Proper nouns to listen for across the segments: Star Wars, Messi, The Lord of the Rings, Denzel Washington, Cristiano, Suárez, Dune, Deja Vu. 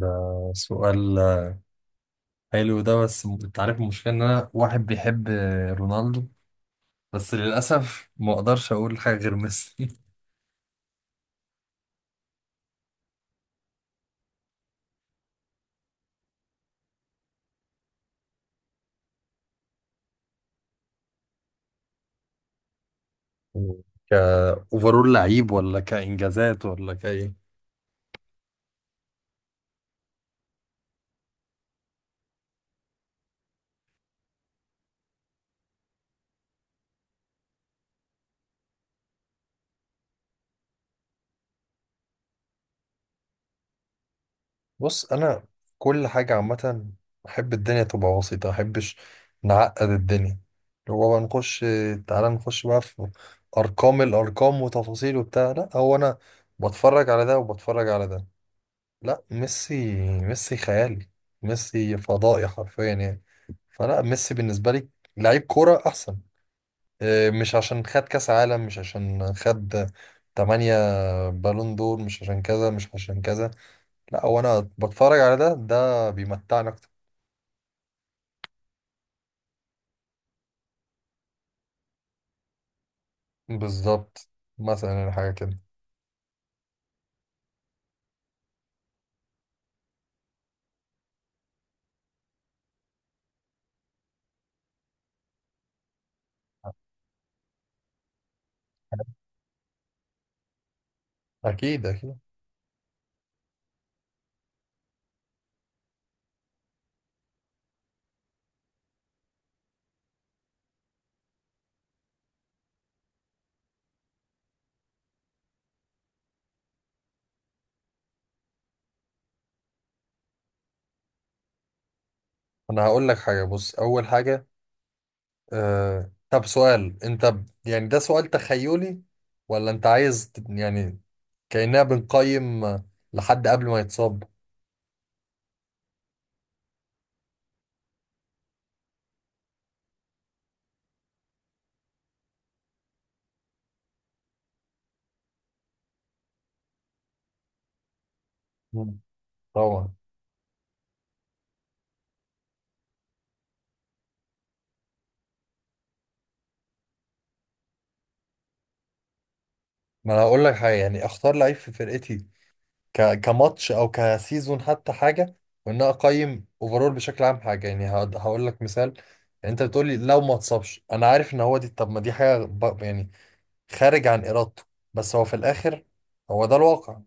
ده سؤال حلو ده، بس انت عارف المشكلة ان انا واحد بيحب رونالدو، بس للأسف ما اقدرش اقول حاجة غير ميسي. كأوفرول لعيب، ولا كإنجازات، ولا كأيه؟ بص، انا كل حاجه عامه احب الدنيا تبقى بسيطه، ما احبش نعقد الدنيا، اللي هو بقى نخش، تعالى نخش بقى في الارقام وتفاصيل وبتاع. لا، هو انا بتفرج على ده وبتفرج على ده. لا، ميسي، ميسي خيالي، ميسي فضائي حرفيا يعني. فلا ميسي بالنسبة لي لعيب كورة أحسن. إيه، مش عشان خد كأس عالم، مش عشان خد 8 بالون دور، مش عشان كذا مش عشان كذا. لا، هو أنا بتفرج على ده بيمتعني أكتر. بالظبط. مثلا يعني حاجة كده. أكيد أكيد. أنا هقول لك حاجة. بص، أول حاجة، آه طب سؤال، انت يعني ده سؤال تخيلي، ولا انت عايز يعني كأننا بنقيم لحد قبل ما يتصاب؟ مم. طبعا. ما انا هقول لك حاجة، يعني اختار لعيب في فرقتي كماتش او كسيزون، حتى حاجة، وان انا اقيم اوفرول بشكل عام. حاجة يعني هقول لك مثال. يعني انت بتقولي لو ما اتصابش، انا عارف ان هو دي، طب ما دي حاجة يعني خارج عن ارادته، بس هو في الاخر هو ده الواقع.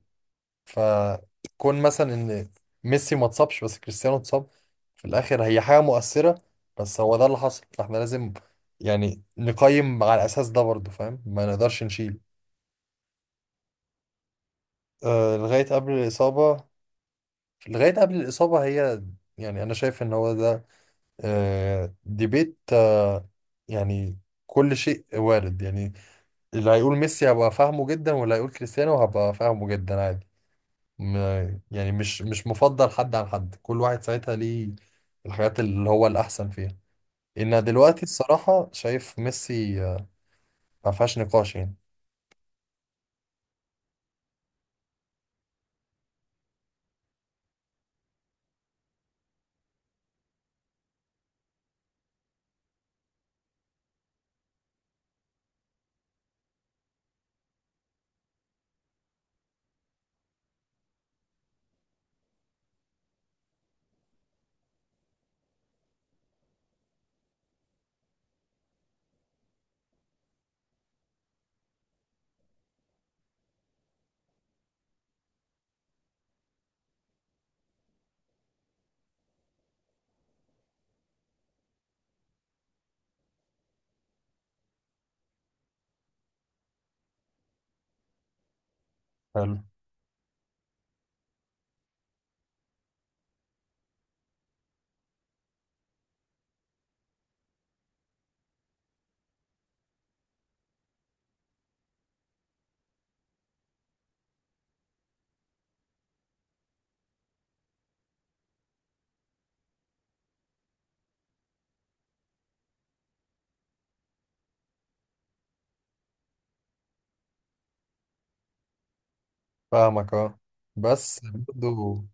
فكون مثلا ان ميسي ما اتصابش بس كريستيانو اتصاب، في الاخر هي حاجه مؤثره، بس هو ده اللي حصل، فاحنا لازم يعني نقيم على الاساس ده برضه، فاهم؟ ما نقدرش نشيل. لغايه قبل الاصابه. لغايه قبل الاصابه هي، يعني انا شايف ان هو ده ديبيت، يعني كل شيء وارد يعني. اللي هيقول ميسي هبقى فاهمه جدا، واللي هيقول كريستيانو هبقى فاهمه جدا، عادي. يعني مش مفضل حد عن حد، كل واحد ساعتها ليه الحاجات اللي هو الأحسن فيها. إن دلوقتي الصراحة شايف ميسي ما فيهاش نقاش يعني. حلو. فاهمك، اه، بس برضه.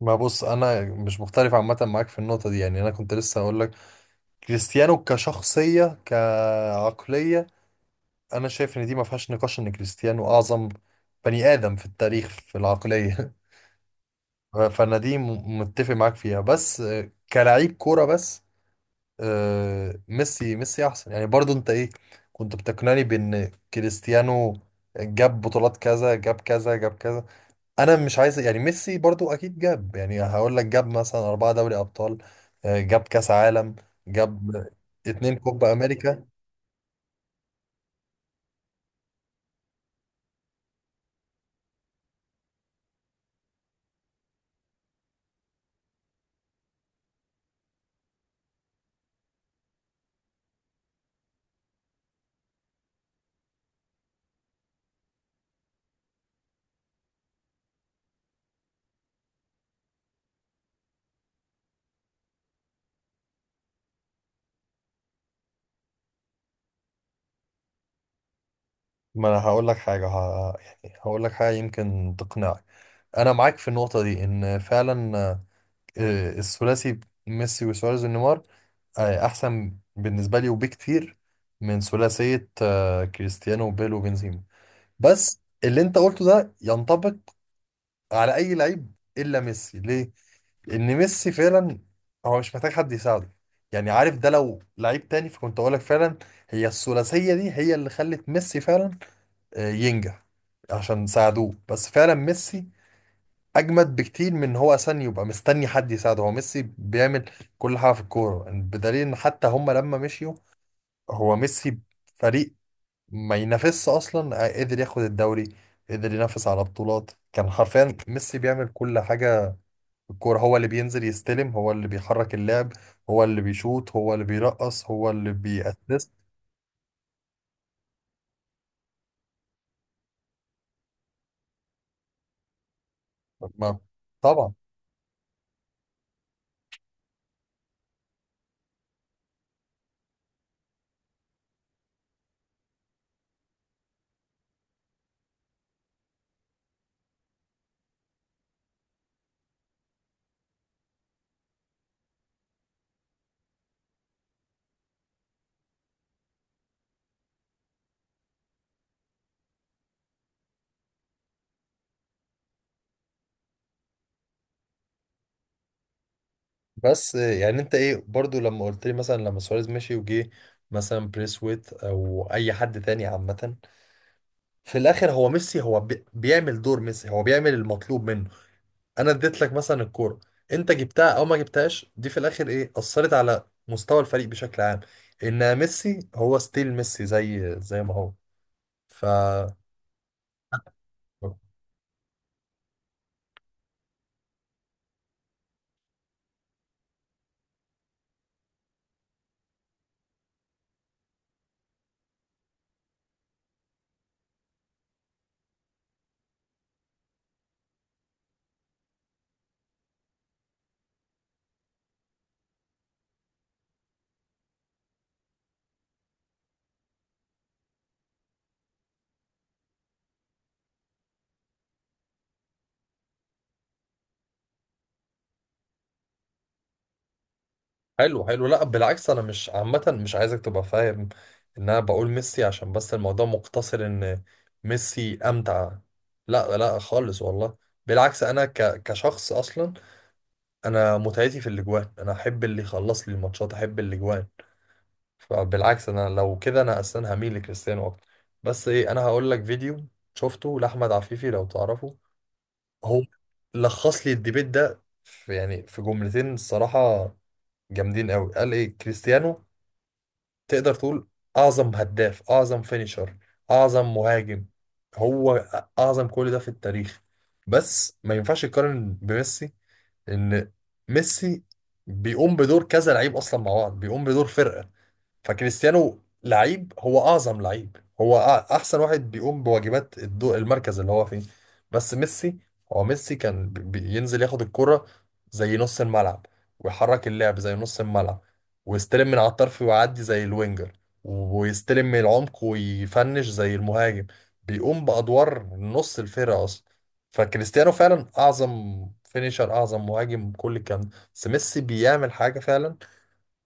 ما بص، أنا مش مختلف عامة معاك في النقطة دي، يعني أنا كنت لسه هقول لك كريستيانو كشخصية كعقلية، أنا شايف إن دي ما فيهاش نقاش، إن كريستيانو أعظم بني آدم في التاريخ في العقلية. فأنا دي متفق معاك فيها، بس كلاعب كورة بس، ميسي احسن يعني. برضو انت ايه كنت بتقنعني بان كريستيانو جاب بطولات كذا، جاب كذا، جاب كذا. انا مش عايز يعني، ميسي برضو اكيد جاب، يعني هقول لك جاب مثلا 4 دوري ابطال، جاب كاس عالم، جاب 2 كوبا امريكا. ما انا هقول لك حاجة، يعني هقول لك حاجة يمكن تقنعك. انا معاك في النقطة دي ان فعلا الثلاثي ميسي وسواريز ونيمار احسن بالنسبه لي، وبكتير، من ثلاثيه كريستيانو وبيل وبنزيما. بس اللي انت قلته ده ينطبق على اي لعيب الا ميسي، ليه؟ لان ميسي فعلا هو مش محتاج حد يساعده. يعني عارف، ده لو لعيب تاني فكنت اقول لك فعلا هي الثلاثيه دي هي اللي خلت ميسي فعلا ينجح عشان ساعدوه، بس فعلا ميسي اجمد بكتير من إن هو اصلا يبقى مستني حد يساعده. هو ميسي بيعمل كل حاجه في الكوره، يعني بدليل ان حتى هم لما مشيوا، هو ميسي فريق ما ينافسش اصلا، قدر ياخد الدوري، قدر ينافس على بطولات. كان حرفيا ميسي بيعمل كل حاجة في الكورة، هو اللي بينزل يستلم، هو اللي بيحرك اللعب، هو اللي بيشوط، هو اللي بيرقص، هو اللي بيأسست. ما طبعا. بس يعني انت ايه برضو لما قلت لي مثلا لما سواريز مشي، وجي مثلا بريسويت او اي حد تاني عامة، في الاخر هو ميسي، هو بيعمل دور ميسي، هو بيعمل المطلوب منه. انا اديت لك مثلا الكوره، انت جبتها او ما جبتهاش، دي في الاخر ايه اثرت على مستوى الفريق بشكل عام؟ ان ميسي هو ستيل ميسي، زي ما هو، ف... حلو حلو. لا بالعكس، انا مش عامه مش عايزك تبقى فاهم ان انا بقول ميسي عشان بس الموضوع مقتصر ان ميسي امتع. لا لا، خالص والله، بالعكس، انا كشخص اصلا انا متعتي في الاجوان، انا احب اللي يخلص لي الماتشات، احب الاجوان. فبالعكس انا لو كده انا اصلا هميل لكريستيانو اكتر. بس ايه، انا هقول لك فيديو شفته لاحمد عفيفي، لو تعرفه، هو لخص لي الديبيت ده في يعني في جملتين الصراحه جامدين قوي. قال ايه؟ كريستيانو تقدر تقول اعظم هداف، اعظم فينيشر، اعظم مهاجم، هو اعظم كل ده في التاريخ، بس ما ينفعش يقارن بميسي. ان ميسي بيقوم بدور كذا لعيب اصلا مع بعض، بيقوم بدور فرقه. فكريستيانو لعيب، هو اعظم لعيب، هو احسن واحد بيقوم بواجبات المركز اللي هو فيه. بس ميسي، هو ميسي كان بينزل ياخد الكرة زي نص الملعب، ويحرك اللعب زي نص الملعب، ويستلم من على الطرف ويعدي زي الوينجر، ويستلم من العمق ويفنش زي المهاجم، بيقوم بأدوار نص الفرقة أصلا. فكريستيانو فعلا أعظم فينيشر، أعظم مهاجم، كل الكلام ده، بس ميسي بيعمل حاجة فعلا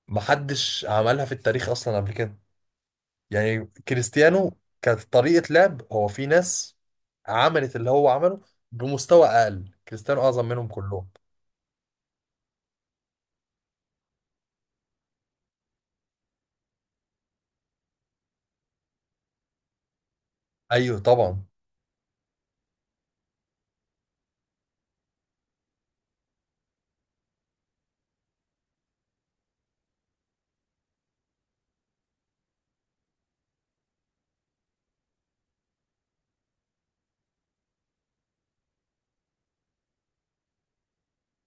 محدش عملها في التاريخ اصلا قبل كده. يعني كريستيانو كانت طريقة لعب هو في ناس عملت اللي هو عمله بمستوى اقل، كريستيانو اعظم منهم كلهم. ايوه طبعا.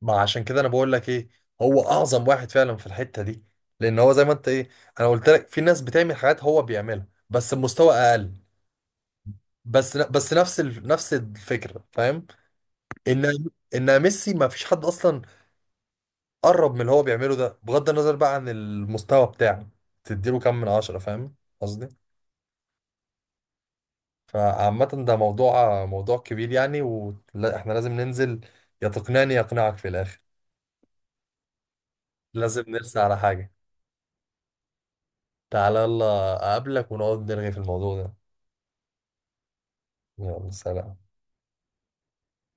ما عشان كده انا بقول لك ايه، هو اعظم واحد فعلا في الحتة دي، لان هو زي ما انت ايه، انا قلت لك في ناس بتعمل حاجات هو بيعملها بس بمستوى اقل، بس نفس الفكرة، فاهم؟ ان ان ميسي ما فيش حد اصلا قرب من اللي هو بيعمله ده، بغض النظر بقى عن المستوى بتاعه، تديله كام من 10، فاهم قصدي؟ فعامة ده موضوع كبير، يعني واحنا لازم ننزل، يا تقنعني يا اقنعك في الاخر، لازم نرسى على حاجة. تعالى يلا اقابلك ونقعد نرغي في الموضوع ده. يلا سلام.